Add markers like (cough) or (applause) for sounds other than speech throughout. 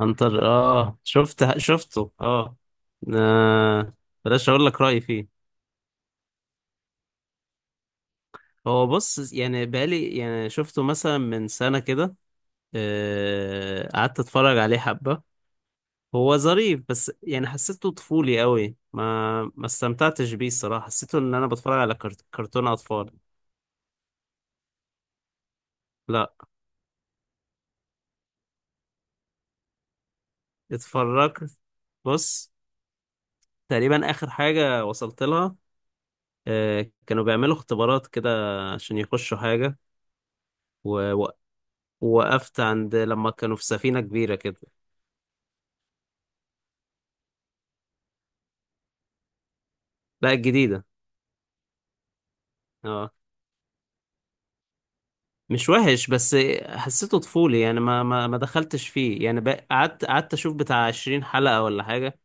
عنتر، اه، شفت شفته اه آه، بلاش اقول لك رأيي فيه. هو بص، يعني بقالي شفته مثلا من سنة كده. قعدت اتفرج عليه حبة. هو ظريف بس يعني حسيته طفولي قوي، ما استمتعتش بيه الصراحة. حسيته ان انا بتفرج على كرتون اطفال. لا، اتفرجت. بص، تقريبا اخر حاجة وصلت لها، كانوا بيعملوا اختبارات كده عشان يخشوا حاجة. وقفت عند لما كانوا في سفينة كبيرة كده. لا، الجديدة. اه، مش وحش، بس حسيته طفولي يعني ما دخلتش فيه يعني، قعدت اشوف بتاع 20 حلقة ولا حاجة.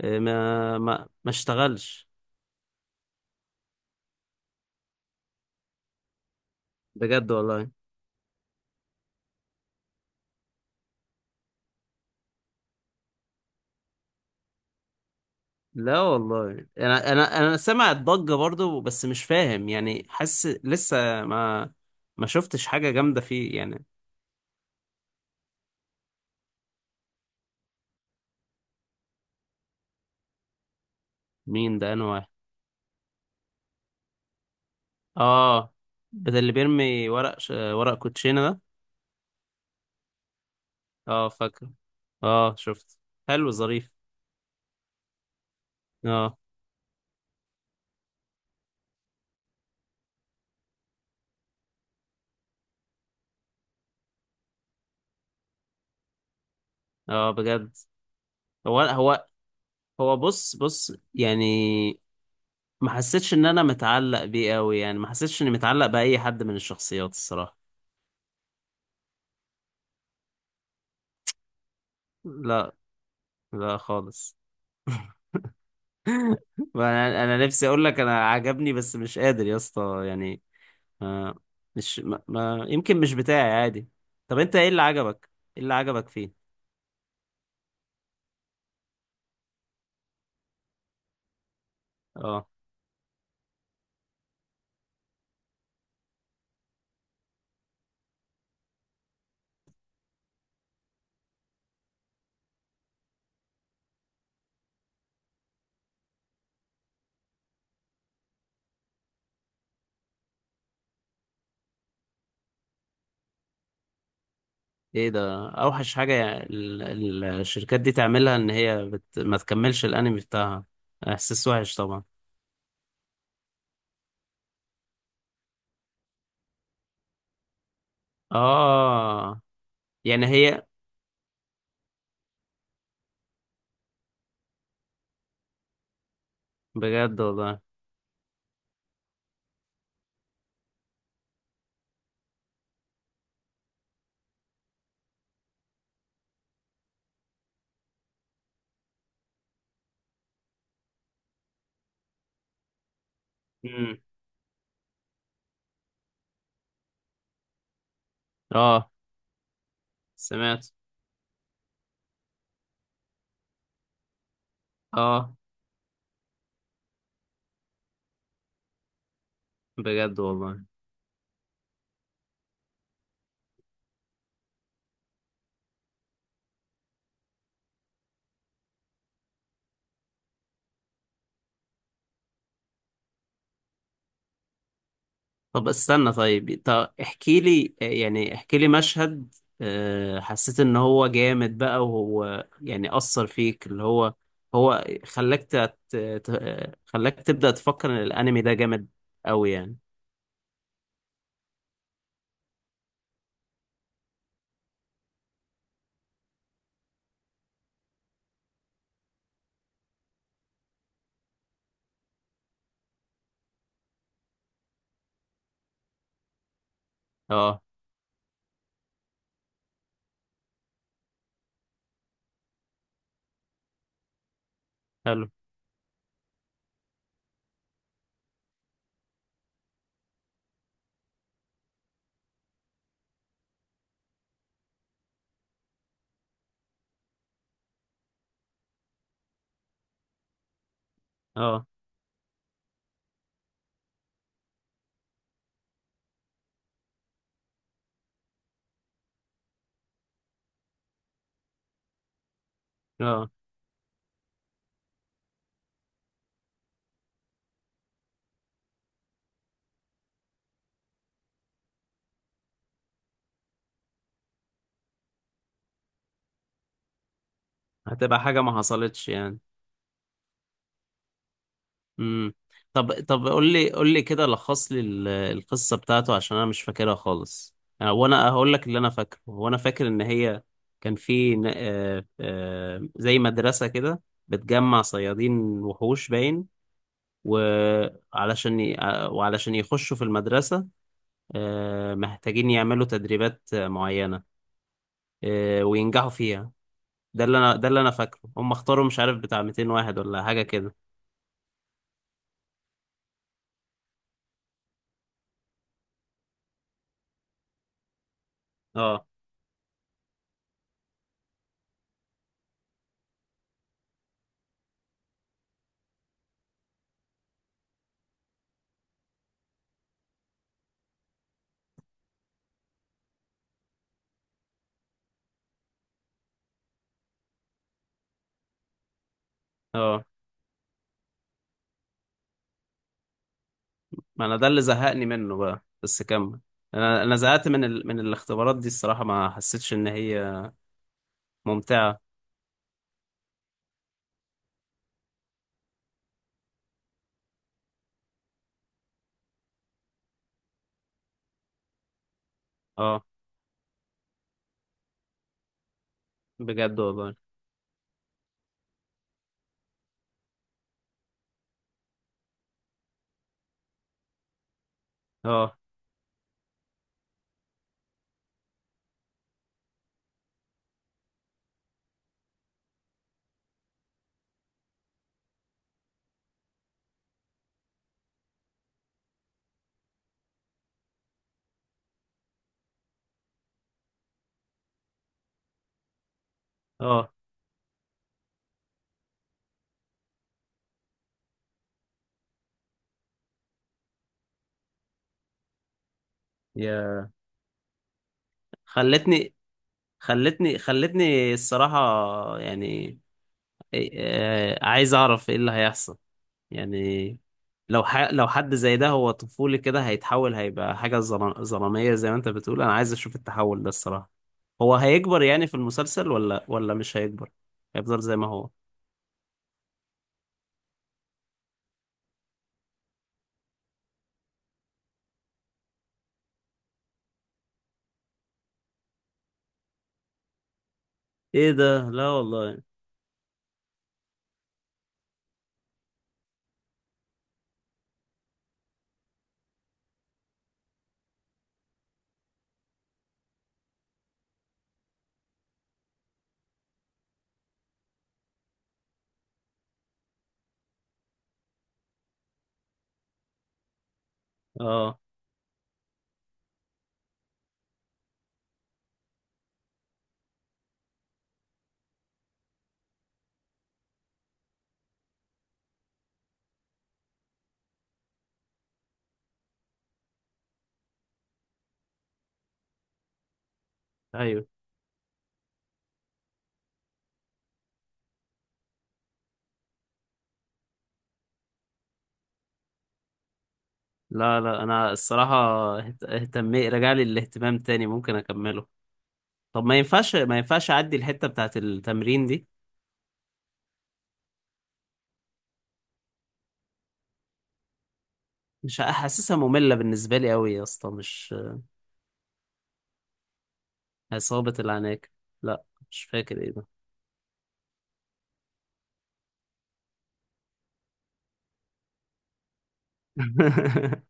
ما اشتغلش. بجد والله. لا والله، انا انا سامع الضجة برضو بس مش فاهم، يعني حاسس لسه ما ما شفتش حاجة جامدة فيه يعني. مين ده؟ انا واحد. اه، ده اللي بيرمي ورق كوتشينة ده. اه فاكر، اه شفت. حلو، ظريف. اه اه، بجد. هو هو هو بص يعني ما حسيتش ان انا متعلق بيه قوي، يعني ما حسيتش اني متعلق باي حد من الشخصيات الصراحة. لا، لا خالص. (laughs) انا نفسي اقول لك انا عجبني بس مش قادر يا اسطى يعني. ما مش ما، يمكن مش بتاعي، عادي. طب انت ايه اللي عجبك؟ ايه اللي عجبك فيه؟ اه. ايه ده؟ اوحش حاجة الشركات دي تعملها ان هي ما تكملش الانمي بتاعها. احساس وحش طبعا. اه، يعني هي. بجد والله. امم. اه، سمعت. اه، بجد والله. طب استنى، طب احكي لي، احكي لي مشهد حسيت ان هو جامد بقى، وهو يعني اثر فيك اللي هو. هو خلاك تبدأ تفكر ان الانمي ده جامد قوي يعني. اه. حلو. اه اه. هتبقى حاجة ما حصلتش يعني. امم. طب قول لي كده، لخص لي القصة بتاعته عشان انا مش فاكرها خالص، انا وانا هقول لك اللي انا فاكره. وانا فاكر ان هي كان في زي مدرسة كده بتجمع صيادين وحوش باين. وعلشان يخشوا في المدرسة محتاجين يعملوا تدريبات معينة وينجحوا فيها. ده اللي انا فاكره. هم اختاروا مش عارف بتاع 200 واحد ولا حاجة كده. اه اه. ما انا ده اللي زهقني منه بقى، بس كمل. انا زهقت من الاختبارات دي الصراحه، ما حسيتش ان هي ممتعه. اه، بجد والله. اه اه. يا. خلتني خلتني خلتني الصراحه يعني. عايز اعرف ايه اللي هيحصل يعني. لو حد زي ده، هو طفولي كده، هيتحول، هيبقى حاجة ظلامية زي ما انت بتقول. انا عايز اشوف التحول ده الصراحة. هو هيكبر يعني في المسلسل ولا مش هيكبر؟ هيفضل زي ما هو؟ ايه ده؟ لا والله. اه. ايوه. لا لا، انا الصراحة اهتمي رجع لي الاهتمام تاني، ممكن اكمله. طب ما ينفعش اعدي الحتة بتاعت التمرين دي؟ مش حاسسها، مملة بالنسبة لي قوي يا اسطى، مش. عصابة العناكب؟ لا، مش فاكر ايه ده. (laughs)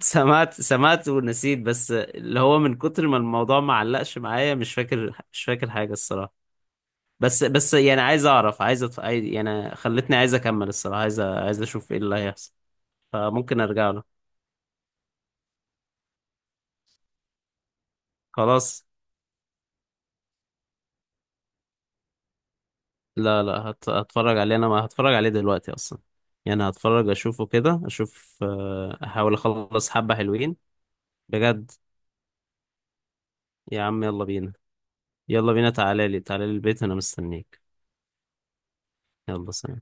سمعت ونسيت، بس اللي هو من كتر ما الموضوع ما علقش معايا مش فاكر، مش فاكر حاجة الصراحة. بس يعني عايز اعرف، عايز أتف... عايز- يعني خلتني عايز اكمل الصراحة، عايز عايز اشوف ايه اللي هيحصل. فممكن ارجع له. خلاص، لا لا هتفرج عليه. انا ما هتفرج عليه دلوقتي اصلا، يعني هتفرج اشوفه كده، اشوف، احاول اخلص حبة حلوين. بجد؟ يا عم يلا بينا. يلا بينا، تعالى لي البيت انا مستنيك. يلا سلام.